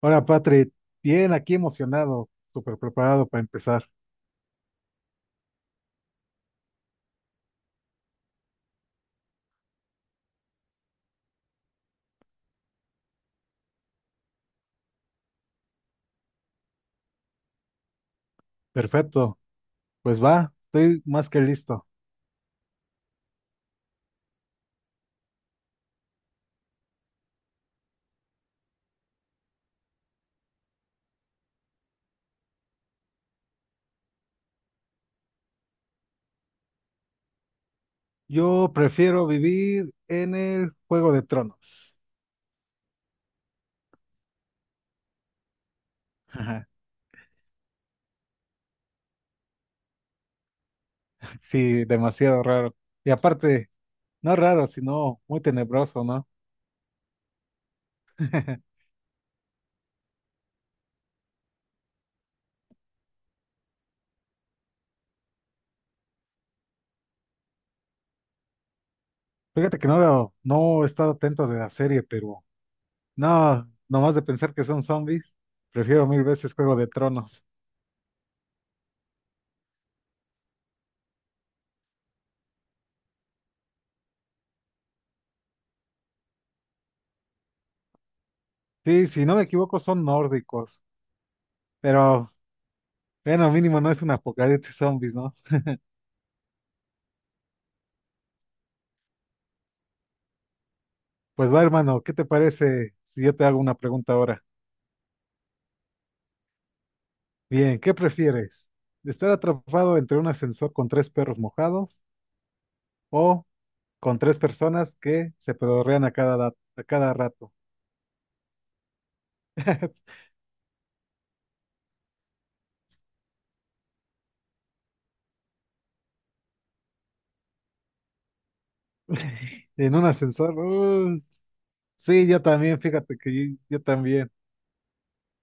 Hola, Patrick. Bien, aquí emocionado, súper preparado para empezar. Perfecto. Pues va, estoy más que listo. Yo prefiero vivir en el Juego de Tronos. Ajá. Sí, demasiado raro. Y aparte, no raro, sino muy tenebroso, ¿no? Fíjate que no, no he estado atento de la serie, pero no, nomás de pensar que son zombies, prefiero mil veces Juego de Tronos. Sí, si no me equivoco, son nórdicos, pero bueno, mínimo no es un apocalipsis zombies, ¿no? Pues va, hermano, ¿qué te parece si yo te hago una pregunta ahora? Bien, ¿qué prefieres? ¿Estar atrapado entre un ascensor con tres perros mojados o con tres personas que se pedorrean a a cada rato? En un ascensor. Sí, yo también, fíjate que yo también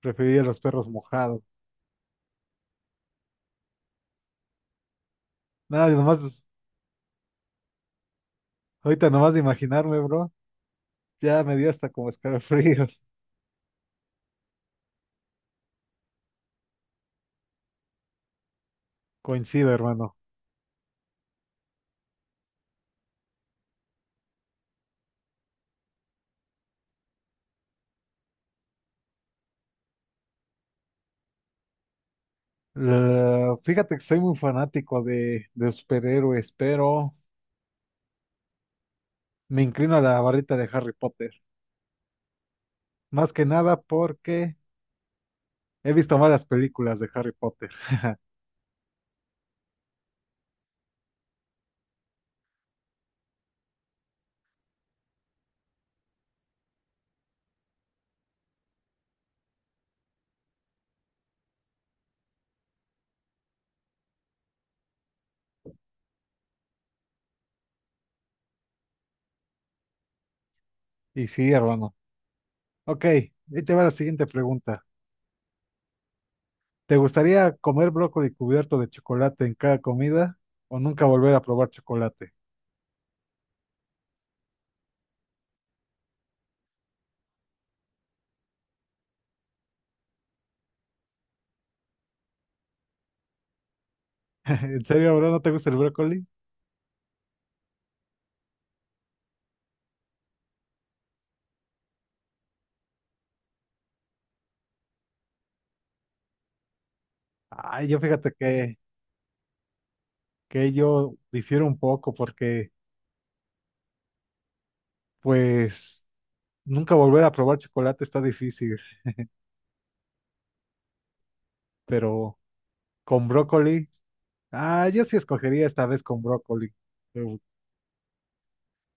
preferiría los perros mojados. Nada, nomás, ahorita nomás de imaginarme, bro, ya me dio hasta como escalofríos. Coincido, hermano. Fíjate que soy muy fanático de superhéroes, pero me inclino a la barrita de Harry Potter. Más que nada porque he visto malas películas de Harry Potter. Y sí, hermano. Ok, ahí te va la siguiente pregunta. ¿Te gustaría comer brócoli cubierto de chocolate en cada comida o nunca volver a probar chocolate? ¿En serio, bro? ¿No te gusta el brócoli? Ay, yo fíjate que yo difiero un poco porque, pues, nunca volver a probar chocolate está difícil, pero... con brócoli. Ah, yo sí escogería esta vez con brócoli. eh,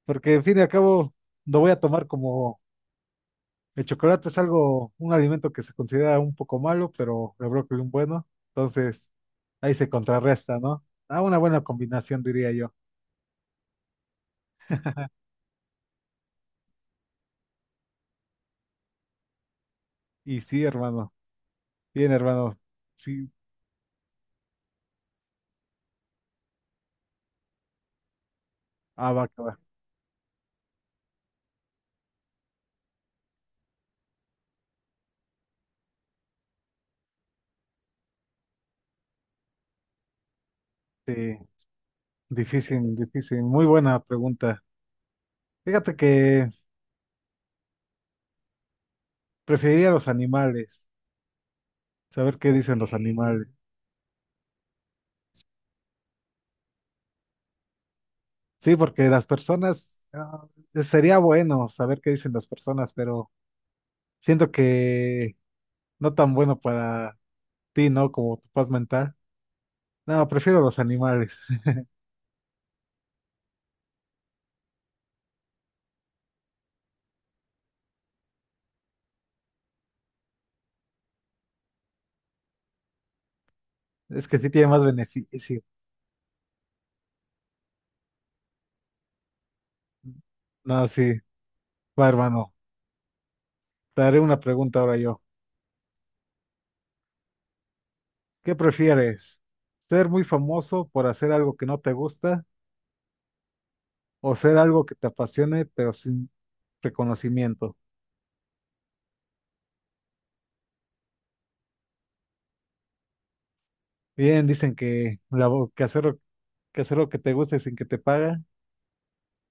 Porque, en fin y al cabo, lo voy a tomar como el chocolate es algo, un alimento que se considera un poco malo, pero el brócoli un bueno. Entonces, ahí se contrarresta, ¿no? Ah, una buena combinación, diría yo. Y sí, hermano. Bien, hermano. Sí, ah, va, que va. Sí, difícil, difícil. Muy buena pregunta. Fíjate que preferiría los animales, saber qué dicen los animales. Sí, porque las personas, ah, sería bueno saber qué dicen las personas, pero siento que no tan bueno para ti, ¿no? Como tu paz mental. No, prefiero los animales. Es que sí tiene más beneficio. No, sí. Va, hermano. Te haré una pregunta ahora yo. ¿Qué prefieres? ¿Ser muy famoso por hacer algo que no te gusta o ser algo que te apasione pero sin reconocimiento? Bien, dicen que, la, vo- que hacer, que hacer lo que te gusta y sin que te paga,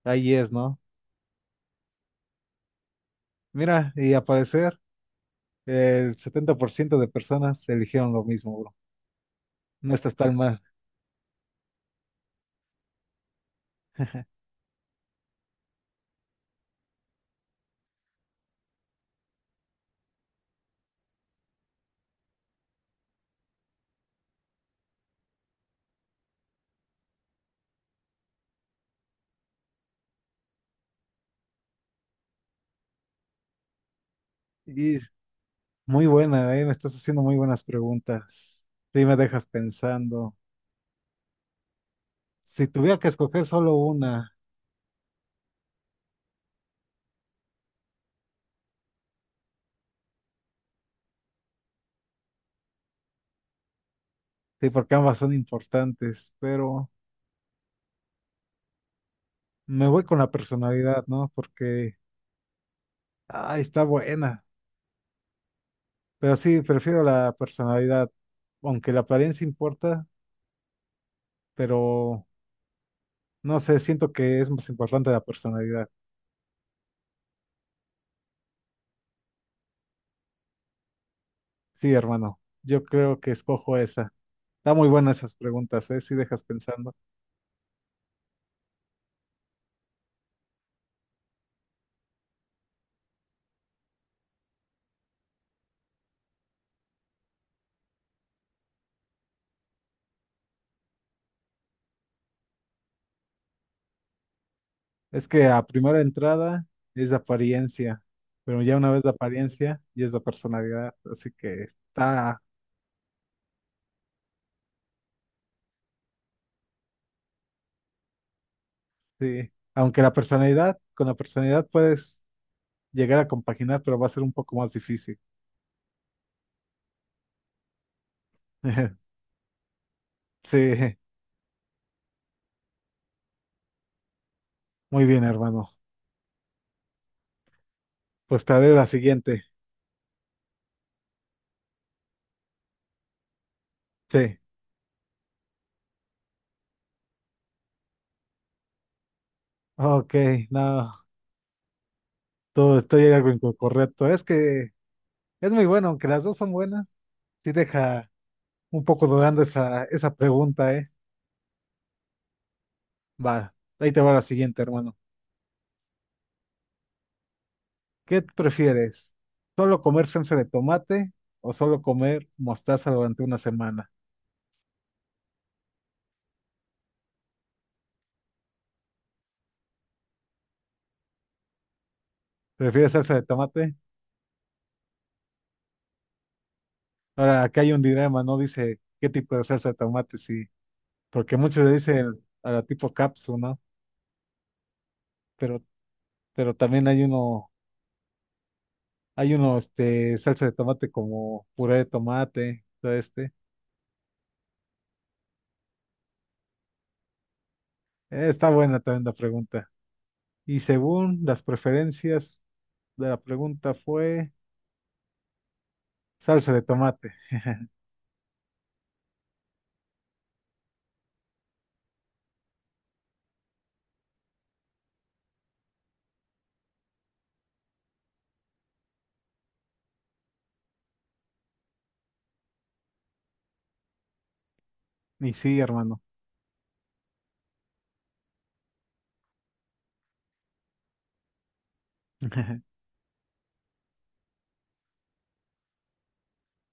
ahí es, ¿no? Mira, y a parecer el 70% de personas eligieron lo mismo, bro. No estás tan mal. Y muy buena, me estás haciendo muy buenas preguntas. Sí, me dejas pensando. Si tuviera que escoger solo una, sí, porque ambas son importantes, pero me voy con la personalidad, ¿no? Porque, ay, está buena. Pero sí, prefiero la personalidad, aunque la apariencia importa, pero no sé, siento que es más importante la personalidad. Sí, hermano, yo creo que escojo esa. Está muy buena esas preguntas, ¿eh? Si dejas pensando. Es que a primera entrada es la apariencia, pero ya una vez la apariencia ya es la personalidad, así que está, sí. Aunque la personalidad, con la personalidad puedes llegar a compaginar, pero va a ser un poco más difícil. Sí, muy bien, hermano. Pues te haré la siguiente. Sí, ok, no, todo estoy algo incorrecto. Es que es muy bueno, aunque las dos son buenas, sí deja. Un poco dudando esa pregunta, ¿eh? Va, ahí te va la siguiente, hermano. ¿Qué prefieres? ¿Solo comer salsa de tomate o solo comer mostaza durante una semana? ¿Prefieres salsa de tomate? Ahora, acá hay un dilema, ¿no? Dice qué tipo de salsa de tomate, sí. Porque muchos le dicen a la tipo capsu, ¿no? Pero, pero también hay uno, este, salsa de tomate como puré de tomate, todo este. Está buena también la pregunta. Y según las preferencias de la pregunta fue... Salsa de tomate. Y sí, hermano.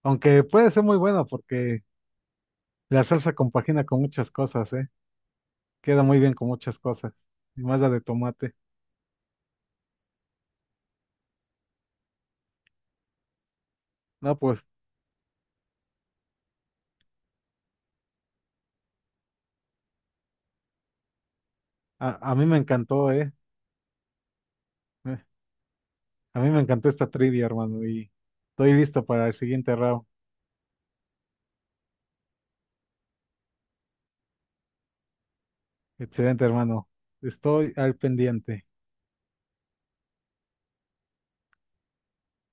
Aunque puede ser muy bueno porque la salsa compagina con muchas cosas, ¿eh? Queda muy bien con muchas cosas. Y más la de tomate. No, pues a mí me encantó, ¿eh? Eh, A mí me encantó esta trivia, hermano. Y estoy listo para el siguiente round. Excelente, hermano. Estoy al pendiente.